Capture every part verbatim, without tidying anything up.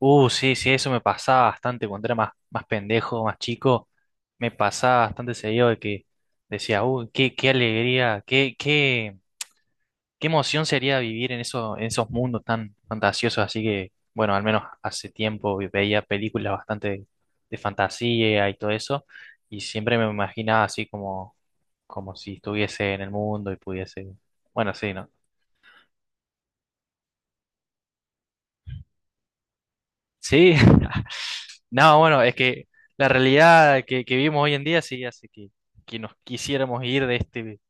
Uh, sí, sí, eso me pasaba bastante cuando era más, más pendejo, más chico. Me pasaba bastante seguido de que decía, uh, qué, qué alegría, qué, qué, qué emoción sería vivir en eso, en esos mundos tan fantasiosos. Así que, bueno, al menos hace tiempo ve- veía películas bastante de, fantasía y todo eso. Y siempre me imaginaba así como, como si estuviese en el mundo y pudiese. Bueno, sí, ¿no? Sí. No, bueno, es que la realidad que, que vivimos hoy en día sí hace que, que nos quisiéramos ir de este, de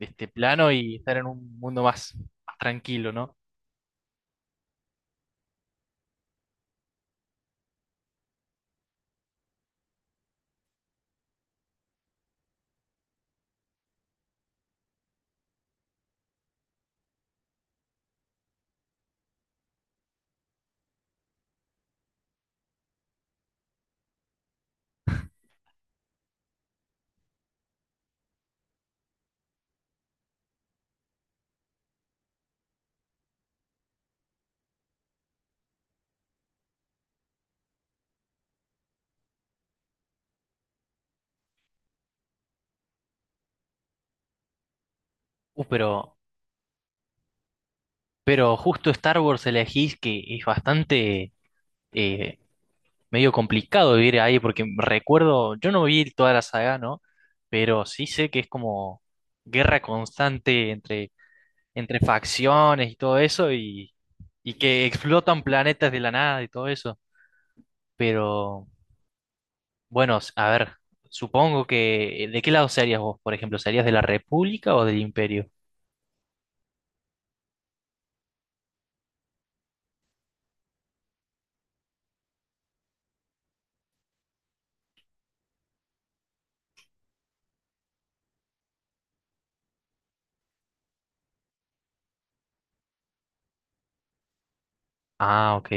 este plano y estar en un mundo más, más tranquilo, ¿no? Uh, pero, pero justo Star Wars elegís que es bastante eh, medio complicado vivir ahí, porque recuerdo, yo no vi toda la saga, ¿no? Pero sí sé que es como guerra constante entre, entre facciones y todo eso, y, y que explotan planetas de la nada y todo eso. Pero, bueno, s- a ver, supongo que... eh, ¿De qué lado serías vos, por ejemplo? ¿Serías de la República o del Imperio? Ah, ok.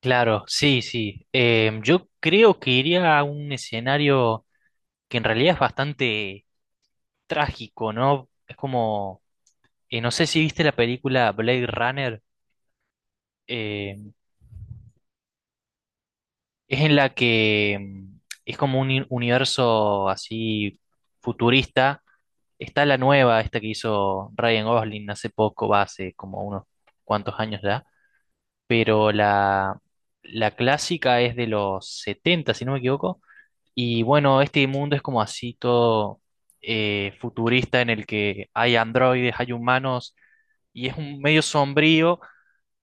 Claro, sí, sí. Em, yo creo que iría a un escenario que en realidad es bastante trágico, ¿no? Es como... eh, no sé si viste la película Blade Runner. em, es en la que em, es como un i- universo así futurista. Está la nueva, esta que hizo Ryan Gosling hace poco, va hace como unos cuantos años ya, pero la, la clásica es de los 70, si no me equivoco. Y bueno, este mundo es como así todo eh, futurista, en el que hay androides, hay humanos y es un medio sombrío,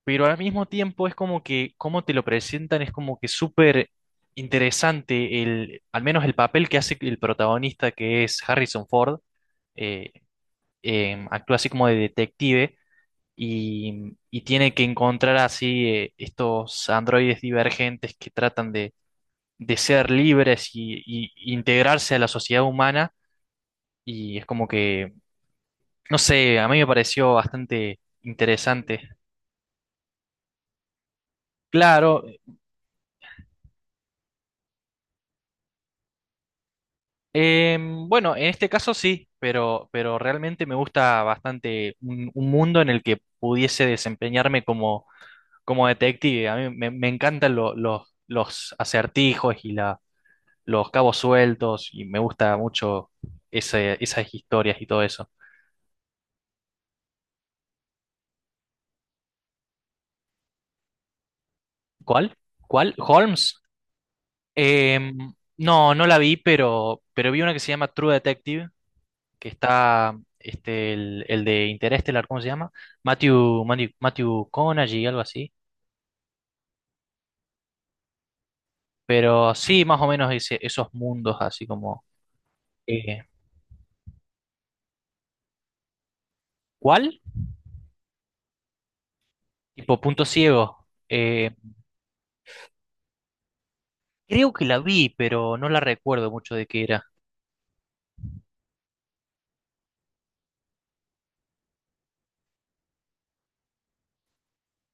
pero al mismo tiempo es como que, como te lo presentan, es como que súper interesante el, al menos el papel que hace el protagonista, que es Harrison Ford. eh, eh, Actúa así como de detective y, y tiene que encontrar así eh, estos androides divergentes que tratan de, de ser libres y, y integrarse a la sociedad humana. Y es como que, no sé, a mí me pareció bastante interesante. Claro. Em, bueno, en este caso sí, pero, pero realmente me gusta bastante un, un mundo en el que pudiese desempeñarme como, como detective. A mí me, me encantan lo- los los acertijos y la los cabos sueltos y me gusta mucho ese- esas historias y todo eso. ¿Cuál? ¿Cuál? ¿Holmes? Em, no, no la vi, pero, pero vi una que se llama True Detective, que está este, el, el de Interestelar, ¿cómo se llama? Matthew, Matthew, Matthew y algo así. Pero sí, más o menos ese- esos mundos así como... eh, ¿cuál? Tipo punto ciego. Eh, creo que la vi, pero no la recuerdo mucho de qué era.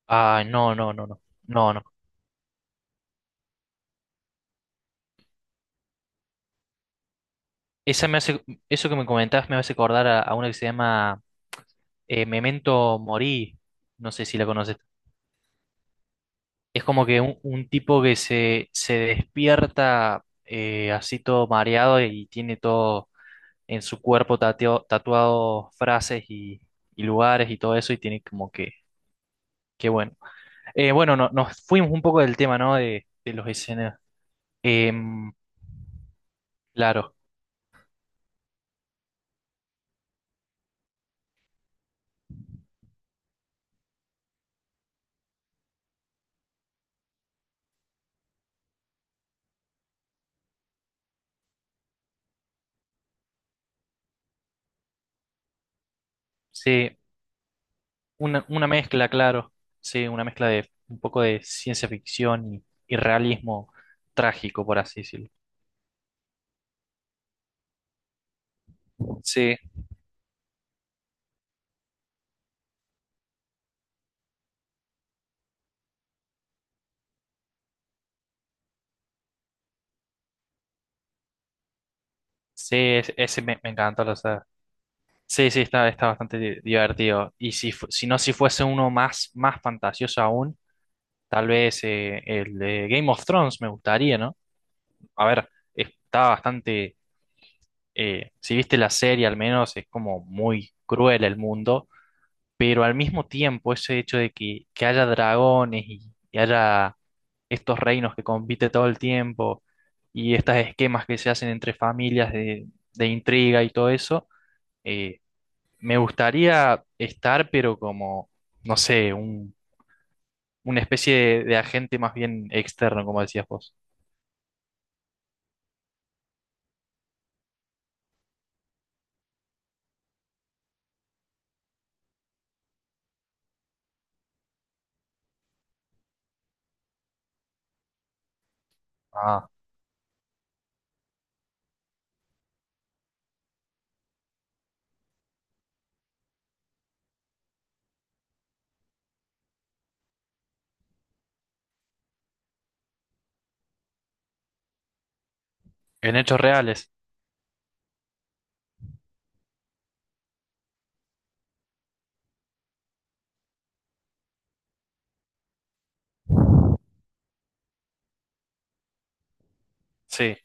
Ah, no, no, no, no. No, no. Esa me hace, eso que me comentabas me hace acordar a, a una que se llama eh, Memento Mori. No sé si la conoces. Es como que un, un tipo que se, se despierta eh, así todo mareado y tiene todo en su cuerpo tateo- tatuado frases y, y lugares y todo eso y tiene como que, que bueno. Eh, bueno, no, nos fuimos un poco del tema, ¿no? De, de los escenarios. Em, claro, sí. Una, una mezcla, claro. Sí, una mezcla de un poco de ciencia ficción y, y realismo trágico, por así decirlo. Sí, sí, es- ese me, me encantó la saga. Sí, sí, está, está bastante di- divertido. Y si, fu- si no, si fuese uno más, más fantasioso aún, tal vez eh, el de Game of Thrones me gustaría, ¿no? A ver, está bastante. Eh, si viste la serie, al menos es como muy cruel el mundo, pero al mismo tiempo, ese hecho de que, que haya dragones y y haya estos reinos que compite todo el tiempo y estos esquemas que se hacen entre familias de, de intriga y todo eso, eh, me gustaría estar, pero como, no sé, un, una especie de, de agente más bien externo, como decías vos. Ah, en hechos reales, sí.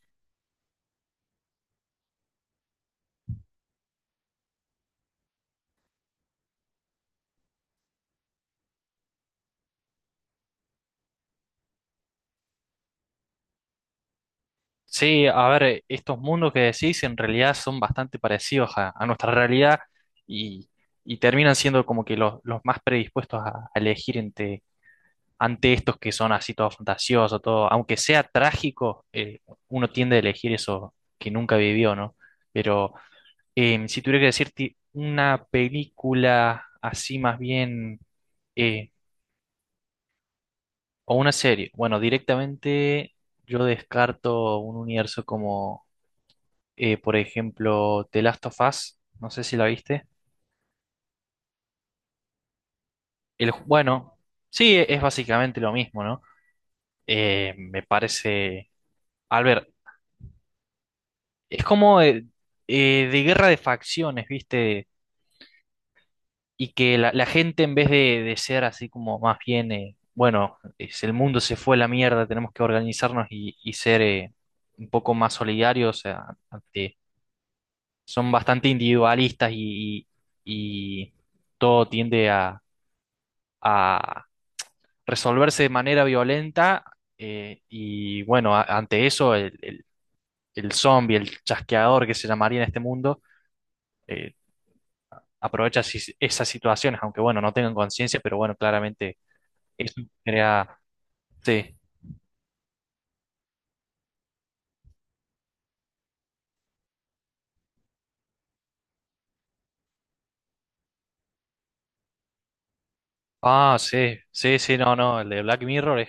Sí, a ver, estos mundos que decís en realidad son bastante parecidos a, a nuestra realidad y, y terminan siendo como que los, los más predispuestos a, a elegir entre ante estos que son así todo fantasioso, todo, aunque sea trágico, eh, uno tiende a elegir eso que nunca vivió, ¿no? Pero em, si tuviera que decirte una película así más bien, eh, o una serie, bueno, directamente yo descarto un universo como, eh, por ejemplo, The Last of Us, no sé si la viste. El, ju- bueno, sí, es básicamente lo mismo, ¿no? Eh, me parece... a ver, es como eh, eh, de guerra de facciones, ¿viste? Y que la, la gente en vez de, de ser así como más bien, eh, bueno, es, el mundo se fue a la mierda, tenemos que organizarnos y, y ser eh, un poco más solidarios, eh, ante- son bastante individualistas y, y- y todo tiende a, a resolverse de manera violenta. Eh, y bueno, a- ante eso, el, el, el zombie, el chasqueador que se llamaría en este mundo eh, aprovecha si- esas situaciones, aunque bueno, no tengan conciencia, pero bueno, claramente eso crea... Sí. Ah, sí, sí, sí, no, no, el de Black Mirror es...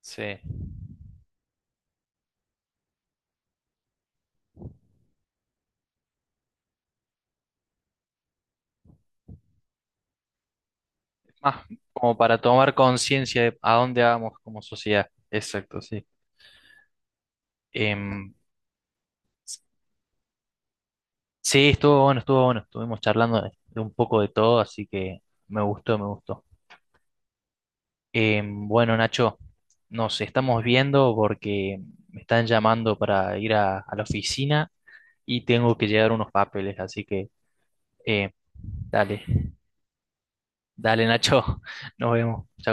Sí. Más como para tomar conciencia de a dónde vamos como sociedad. Exacto, sí. Em, sí, estuvo bueno, estuvo bueno. Estuvimos charlando de, de un poco de todo, así que me gustó, me gustó. Em, bueno, Nacho, nos estamos viendo porque me están llamando para ir a, a la oficina y tengo que llevar unos papeles, así que... Eh, dale, dale Nacho, nos vemos. Chao.